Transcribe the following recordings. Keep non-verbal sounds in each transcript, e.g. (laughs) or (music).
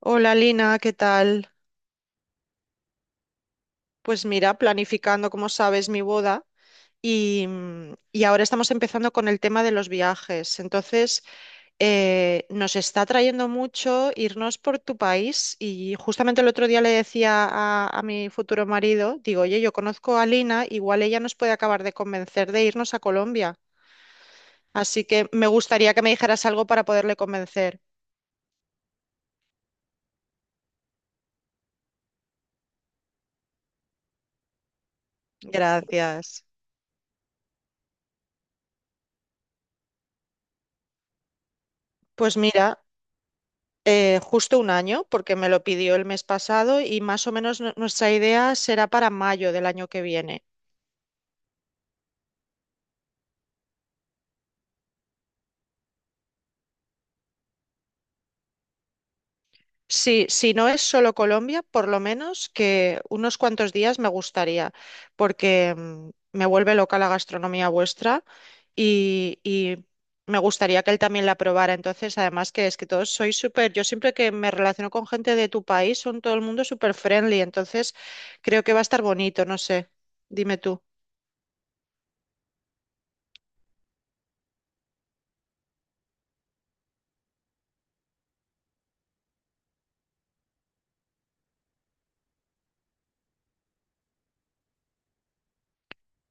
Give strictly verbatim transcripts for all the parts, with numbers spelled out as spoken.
Hola Lina, ¿qué tal? Pues mira, planificando, como sabes, mi boda y, mm, y ahora estamos empezando con el tema de los viajes. Entonces, eh, nos está atrayendo mucho irnos por tu país y justamente el otro día le decía a, a mi futuro marido, digo, oye, yo conozco a Lina, igual ella nos puede acabar de convencer de irnos a Colombia. Así que me gustaría que me dijeras algo para poderle convencer. Gracias. Pues mira. Eh, justo un año, porque me lo pidió el mes pasado y más o menos nu- nuestra idea será para mayo del año que viene. Sí, si no es solo Colombia, por lo menos que unos cuantos días me gustaría, porque mm, me vuelve loca la gastronomía vuestra y, y me gustaría que él también la probara. Entonces, además que es que todos sois súper, yo siempre que me relaciono con gente de tu país, son todo el mundo súper friendly, entonces creo que va a estar bonito, no sé, dime tú.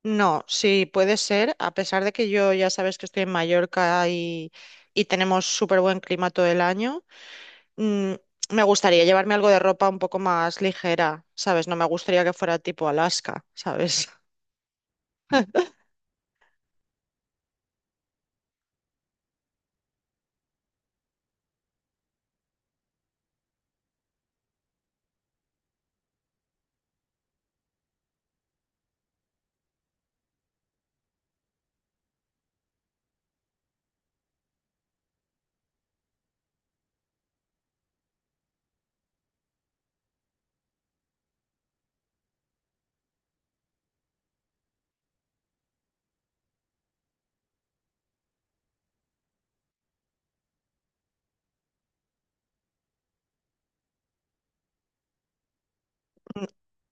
No, sí, puede ser, a pesar de que yo ya sabes que estoy en Mallorca y, y tenemos súper buen clima todo el año. mm, Me gustaría llevarme algo de ropa un poco más ligera, ¿sabes? No me gustaría que fuera tipo Alaska, ¿sabes?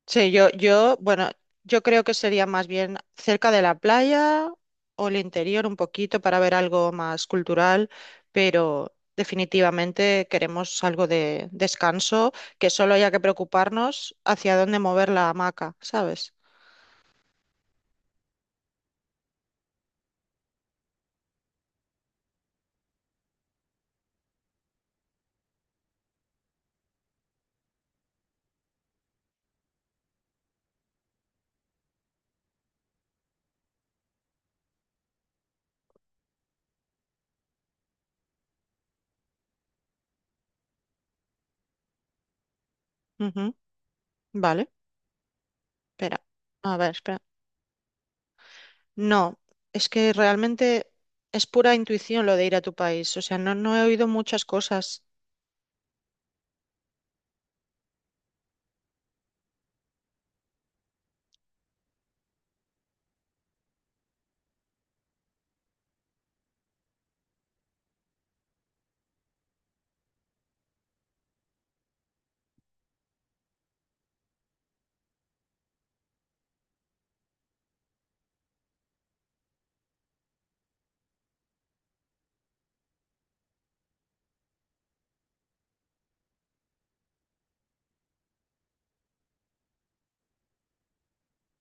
Sí, yo, yo, bueno, yo creo que sería más bien cerca de la playa o el interior un poquito para ver algo más cultural, pero definitivamente queremos algo de descanso, que solo haya que preocuparnos hacia dónde mover la hamaca, ¿sabes? Ujú, vale, espera. A ver, espera. No, es que realmente es pura intuición lo de ir a tu país, o sea, no, no he oído muchas cosas.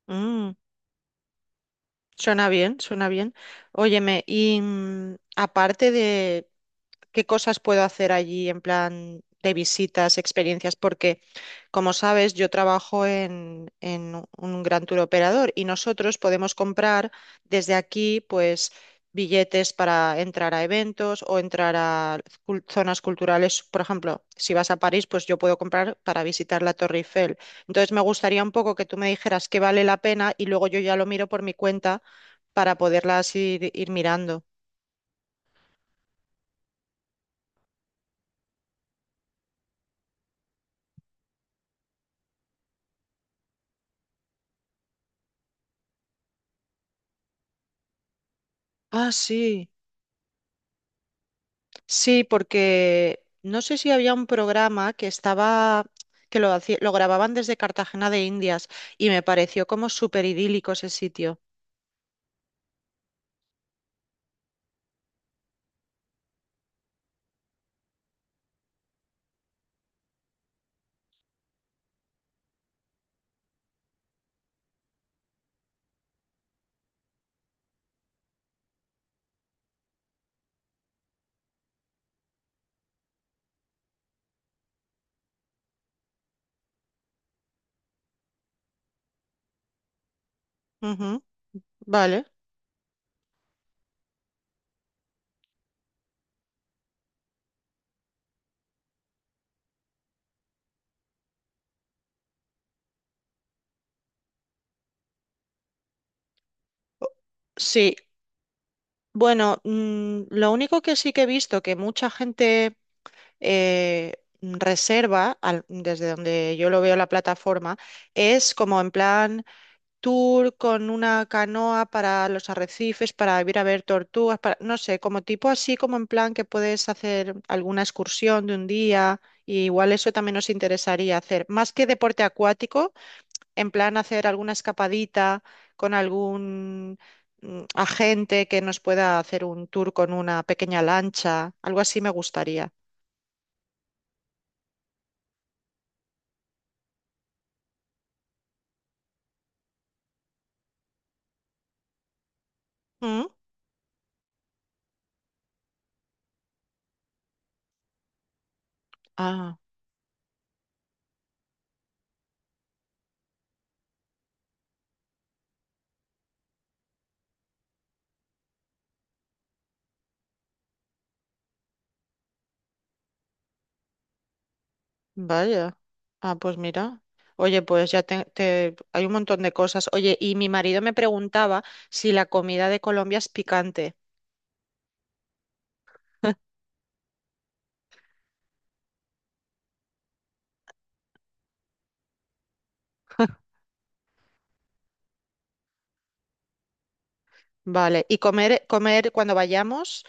Mm. Suena bien, suena bien. Óyeme, y mm, aparte de qué cosas puedo hacer allí en plan de visitas, experiencias, porque como sabes, yo trabajo en, en un gran tour operador y nosotros podemos comprar desde aquí, pues, billetes para entrar a eventos o entrar a cul- zonas culturales. Por ejemplo, si vas a París, pues yo puedo comprar para visitar la Torre Eiffel. Entonces, me gustaría un poco que tú me dijeras qué vale la pena y luego yo ya lo miro por mi cuenta para poderlas ir, ir mirando. Ah, sí, sí, porque no sé si había un programa que estaba, que lo hacía- lo grababan desde Cartagena de Indias y me pareció como súper idílico ese sitio. Ujú, vale, sí. Bueno, mm, lo único que sí que he visto que mucha gente eh, reserva, al- desde donde yo lo veo en la plataforma, es como en plan tour con una canoa para los arrecifes, para ir a ver tortugas, para, no sé, como tipo así, como en plan que puedes hacer alguna excursión de un día, y igual eso también nos interesaría hacer, más que deporte acuático, en plan hacer alguna escapadita con algún mm, agente que nos pueda hacer un tour con una pequeña lancha, algo así me gustaría. ¿Mm? Ah, vaya. Ah, pues mira. Oye, pues ya te, te- hay un montón de cosas. Oye, y mi marido me preguntaba si la comida de Colombia es picante. (laughs) Vale, y comer, comer cuando vayamos,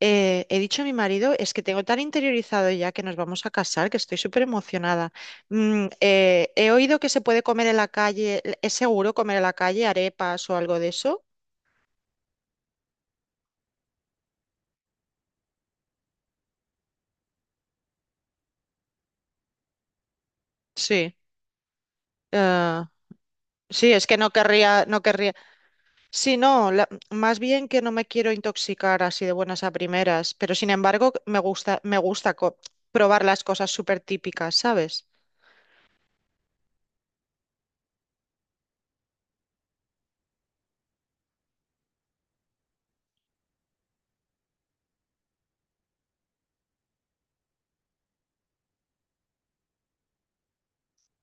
eh, he dicho a mi marido, es que tengo tan interiorizado ya que nos vamos a casar, que estoy súper emocionada. Mm, eh, he oído que se puede comer en la calle. ¿Es seguro comer en la calle arepas o algo de eso? Sí. Ah, sí, es que no querría, no querría sí, no, la- más bien que no me quiero intoxicar así de buenas a primeras, pero sin embargo me gusta, me gusta co- probar las cosas súper típicas, ¿sabes?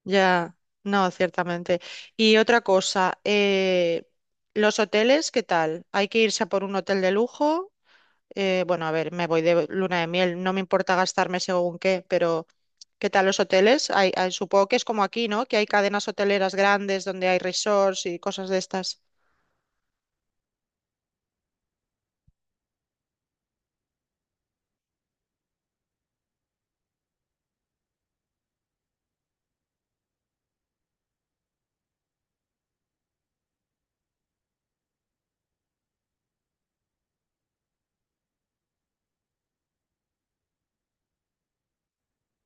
Ya, no, ciertamente. Y otra cosa, eh, los hoteles, ¿qué tal? ¿Hay que irse a por un hotel de lujo? Eh, bueno, a ver, me voy de luna de miel, no me importa gastarme según qué, pero ¿qué tal los hoteles? Hay, hay- supongo que es como aquí, ¿no? Que hay cadenas hoteleras grandes donde hay resorts y cosas de estas.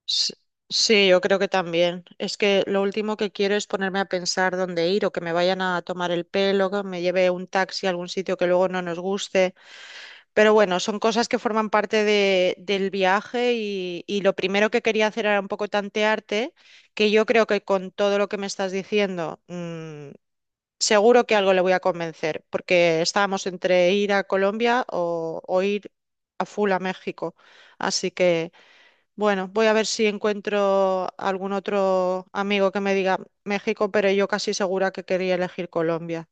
S- Sí, yo creo que también. Es que lo último que quiero es ponerme a pensar dónde ir o que me vayan a tomar el pelo, que me lleve un taxi a algún sitio que luego no nos guste. Pero bueno, son cosas que forman parte de- del viaje y, y lo primero que quería hacer era un poco tantearte, que yo creo que con todo lo que me estás diciendo, mm, seguro que algo le voy a convencer, porque estábamos entre ir a Colombia o, o ir a full a México. Así que... Bueno, voy a ver si encuentro algún otro amigo que me diga México, pero yo casi segura que quería elegir Colombia.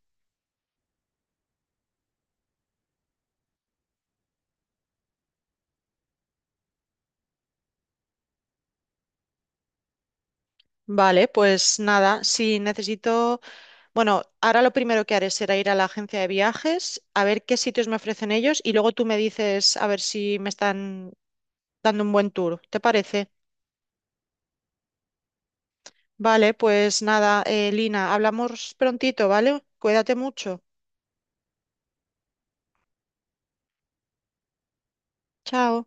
Vale, pues nada, si necesito, bueno, ahora lo primero que haré será ir a la agencia de viajes, a ver qué sitios me ofrecen ellos y luego tú me dices a ver si me están dando un buen tour, ¿te parece? Vale, pues nada, eh, Lina, hablamos prontito, ¿vale? Cuídate mucho. Chao.